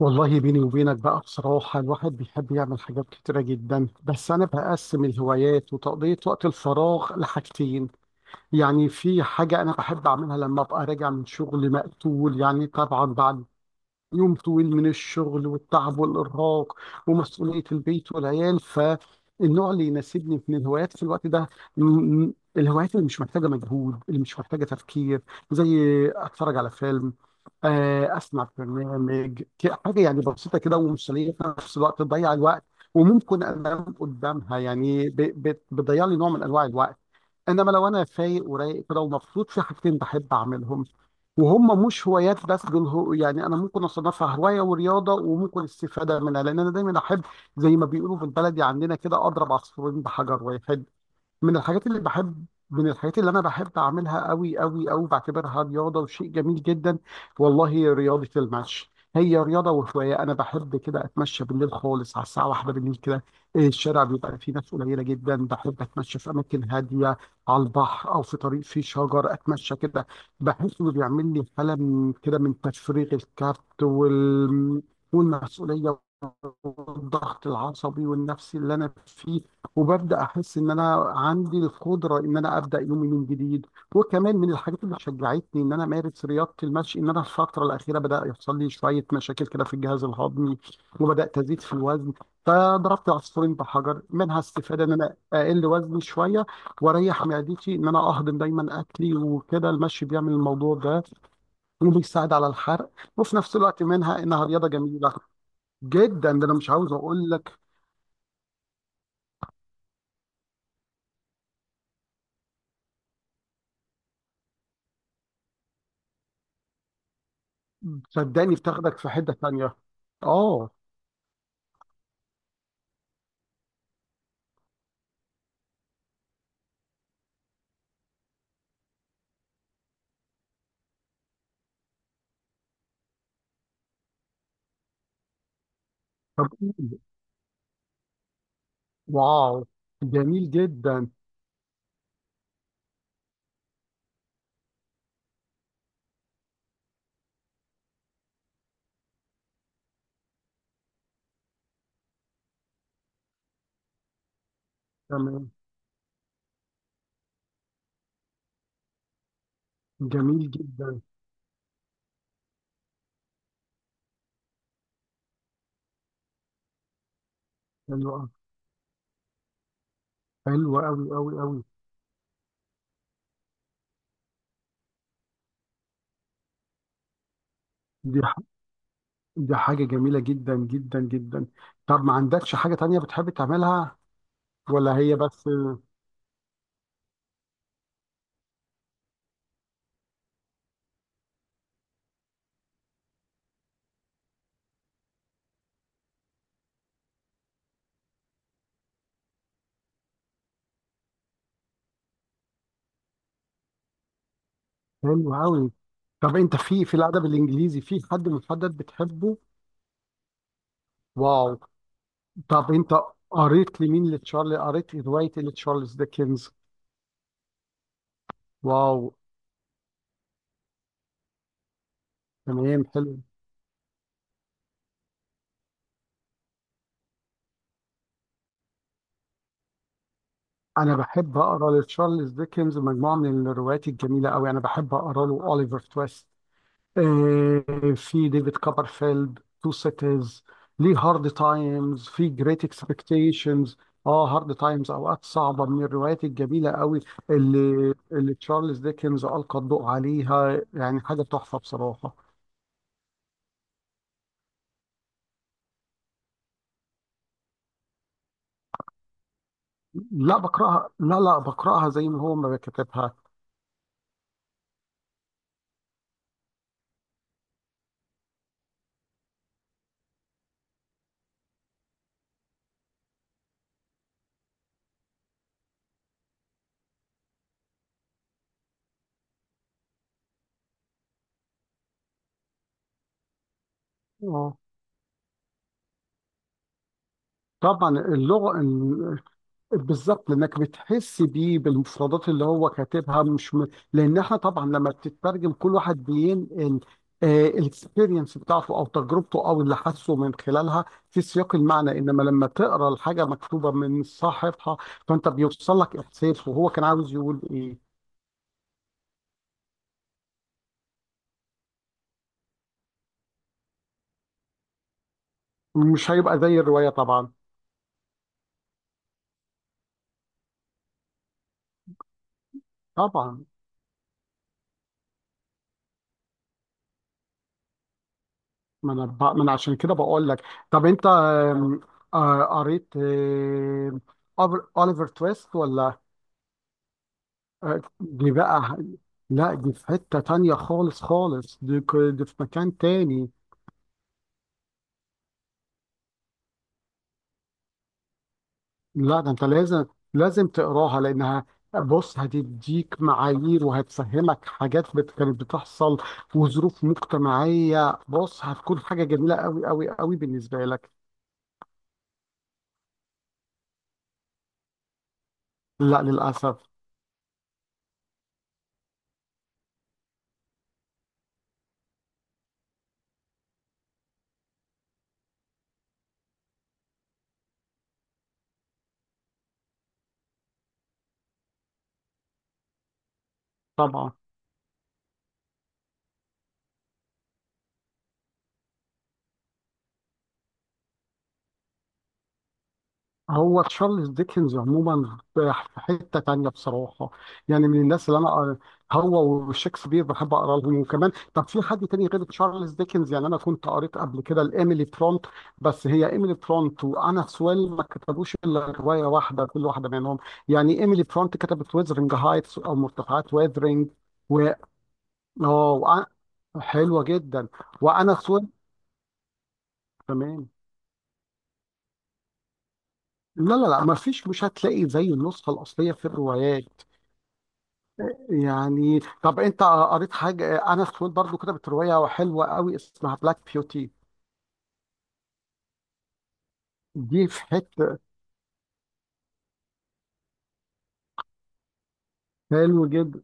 والله بيني وبينك بقى، بصراحة الواحد بيحب يعمل حاجات كتيرة جدا. بس أنا بقسم الهوايات وتقضية وقت الفراغ لحاجتين. يعني في حاجة أنا بحب أعملها لما أبقى راجع من شغل مقتول، يعني طبعا بعد يوم طويل من الشغل والتعب والإرهاق ومسؤولية البيت والعيال. فالنوع اللي يناسبني من الهوايات في الوقت ده، م- الهوايات اللي مش محتاجة مجهود، اللي مش محتاجة تفكير. زي أتفرج على فيلم، اسمع برنامج، حاجه يعني بسيطه كده ومسليه في نفس الوقت تضيع الوقت. وممكن انام قدامها، يعني بتضيع لي نوع من انواع الوقت. انما لو انا فايق ورايق كده ومبسوط، في حاجتين بحب اعملهم وهم مش هوايات، بس دول هو يعني انا ممكن اصنفها هوايه ورياضه وممكن استفاده منها، لان انا دايما احب زي ما بيقولوا بالبلدي عندنا كده، اضرب عصفورين بحجر واحد. من الحاجات اللي انا بحب اعملها قوي قوي قوي، بعتبرها رياضه وشيء جميل جدا. والله هي رياضه المشي، هي رياضه وهوايه. انا بحب كده اتمشى بالليل خالص، على الساعه واحدة بالليل كده الشارع بيبقى فيه ناس قليله جدا. بحب اتمشى في اماكن هاديه، على البحر او في طريق فيه شجر، اتمشى كده. بحس انه بيعمل لي حاله من كده، من تفريغ الكبت والمسؤوليه والضغط العصبي والنفسي اللي انا فيه. وببدا احس ان انا عندي القدره ان انا ابدا يومي من جديد. وكمان من الحاجات اللي شجعتني ان انا امارس رياضه المشي، ان انا الفتره الاخيره بدا يحصل لي شويه مشاكل كده في الجهاز الهضمي، وبدات ازيد في الوزن. فضربت عصفورين بحجر، منها استفاده ان انا اقل وزني شويه واريح معدتي ان انا اهضم دايما اكلي، وكده المشي بيعمل الموضوع ده وبيساعد على الحرق. وفي نفس الوقت منها انها رياضه جميله جدا، ده انا مش عاوز اقول لك. صدقني بتاخدك في حته ثانيه. اه. طب قول. واو، جميل جدا. تمام. جميل جدا. حلو قوي. حلو قوي قوي قوي. دي ح- دي حاجه جميله جدا جدا جدا. طب ما عندكش حاجه تانية بتحب تعملها ولا هي بس؟ حلو قوي. طب انت في الادب الانجليزي في حد محدد بتحبه؟ واو. طب انت قريت لمين؟ لتشارلي؟ قريت روايه لتشارلز ديكنز؟ واو. تمام، حلو. انا بحب اقرا لتشارلز ديكنز مجموعه من الروايات الجميله قوي. انا بحب اقرا له اوليفر تويست، آه، في ديفيد كوبرفيلد، تو سيتيز، ليه هارد تايمز، في جريت اكسبكتيشنز. اه، هارد تايمز، اوقات صعبه، من الروايات الجميله قوي، اللي تشارلز ديكنز القى الضوء عليها يعني حاجه تحفه بصراحه. لا بقراها، لا بقراها زي ما هو ما كتبها. اه طبعا، اللغه بالظبط، لانك بتحس بيه بالمفردات اللي هو كاتبها مش لان احنا طبعا لما بتترجم، كل واحد بينقل الاكسبيرينس بتاعته او تجربته او اللي حاسه من خلالها في سياق المعنى. انما لما تقرا الحاجه مكتوبه من صاحبها، فانت بيوصل لك احساس وهو كان عاوز يقول ايه. مش هيبقى زي الروايه طبعا. طبعا. ما انا عشان كده بقول لك. طب انت آم، آه، قريت أوليفر تويست ولا؟ آه، دي بقى ح- لا دي في حتة تانية خالص خالص. دي في مكان تاني. لا ده انت لازم، لازم تقراها لانها، بص هتديك معايير وهتفهمك حاجات كانت بتحصل وظروف مجتمعية. بص هتكون حاجة جميلة قوي قوي قوي بالنسبة لك. لا للأسف. طبعا. هو تشارلز ديكنز عموما في حتة تانية بصراحة، يعني من الناس اللي أنا، هو وشكسبير، بحب أقرأ لهم. وكمان طب في حد تاني غير تشارلز ديكنز، يعني أنا كنت قريت قبل كده لإيميلي فرونت. بس هي إيميلي فرونت وأنا سويل ما كتبوش إلا رواية واحدة كل واحدة منهم. يعني إيميلي فرونت كتبت ويذرنج هايتس أو مرتفعات ويذرنج، و آه وأ- حلوة جدا. وأنا سويل، تمام. لا ما فيش، مش هتلاقي زي النسخة الأصلية في الروايات، يعني. طب انت قريت حاجه؟ انا سويد برضو كتبت روايه حلوه قوي اسمها بلاك بيوتي. دي في حته. حلو جدا.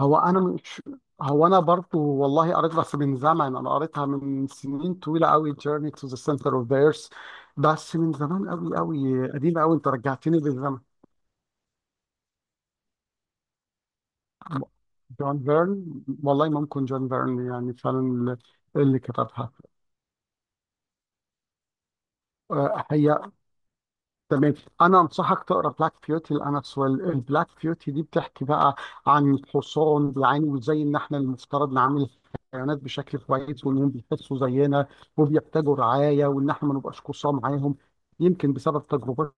هو انا مش هو انا برضو والله قريت، بس من زمن، انا قريتها من سنين طويله قوي، جيرني تو ذا سنتر اوف ذا ايرث. بس من زمان قوي قوي قديم قوي، انت رجعتني للزمن. جون فيرن، والله ممكن جون فيرن يعني فعلا اللي كتبها. هي تمام. انا انصحك تقرا بلاك بيوتي لانس ويل. البلاك بيوتي دي بتحكي بقى عن الحصان، يعني وازاي ان احنا المفترض نعامل الحيوانات بشكل كويس، وانهم بيحسوا زينا وبيحتاجوا رعايه، وان احنا ما نبقاش قصاه معاهم. يمكن بسبب تجربتي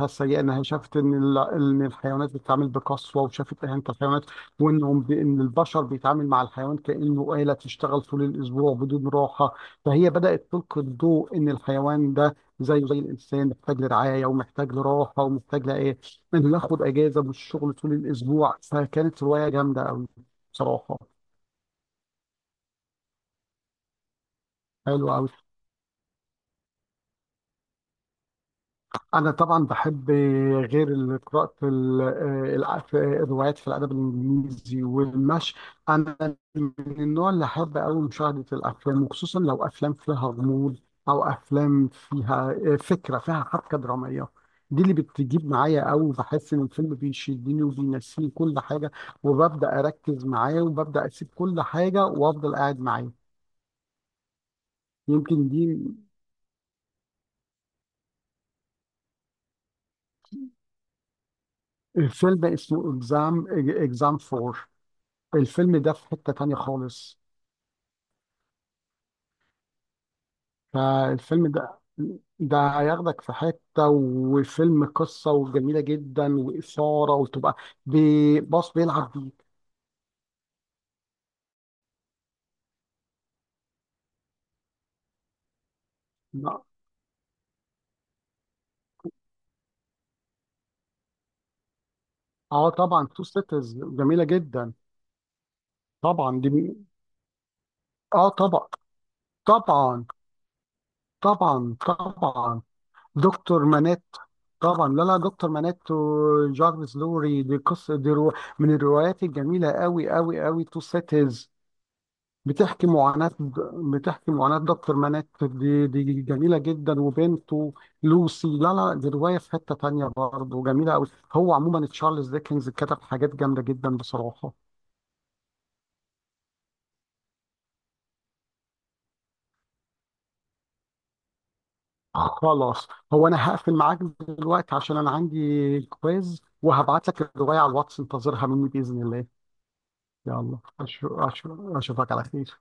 السيئه، انها شافت ان الحيوانات بتتعامل بقسوه، وشافت اهانه الحيوانات، ان البشر بيتعامل مع الحيوان كانه آلة تشتغل طول الاسبوع بدون راحه. فهي بدات تلقي الضوء ان الحيوان ده زيه زي الانسان محتاج لرعايه ومحتاج لراحه ومحتاج لايه، انه ياخد اجازه من الشغل طول الاسبوع. فكانت روايه جامده قوي بصراحه، حلوه قوي. أنا طبعا بحب، غير قراءة في الروايات في الأدب الإنجليزي والمشي، أنا من النوع اللي أحب أوي مشاهدة الأفلام، وخصوصا لو أفلام فيها غموض، أو أفلام فيها فكرة فيها حبكة درامية. دي اللي بتجيب معايا أوي، بحس إن الفيلم بيشدني وبينسيني كل حاجة، وببدأ أركز معاه وببدأ أسيب كل حاجة وأفضل قاعد معاه. يمكن دي، فيلم اسمه إكزام، إكزام فور. الفيلم ده في حتة تانية خالص. فالفيلم ده، ده هياخدك في حتة، وفيلم قصة وجميلة جدا وإثارة وتبقى، باص بيلعب بيك. اه طبعا، تو ستيتز جميلة جدا. طبعا، اه طبعا طبعا طبعا. دكتور منات، طبعا. لا، دكتور منات وجارفيس لوري، دي قصة، دي رو من الروايات الجميلة قوي قوي قوي تو ستيتز. بتحكي معاناة بتحكي معاناة دكتور منات، دي جميلة جدا، وبنته لوسي. لا دي رواية في حتة تانية برضه جميلة أوي. هو عموما تشارلز ديكنز كتب حاجات جامدة جدا بصراحة. خلاص هو أنا هقفل معاك دلوقتي عشان أنا عندي كويز، وهبعت لك الرواية على الواتس، انتظرها مني بإذن الله. يلا أشوفك على خير.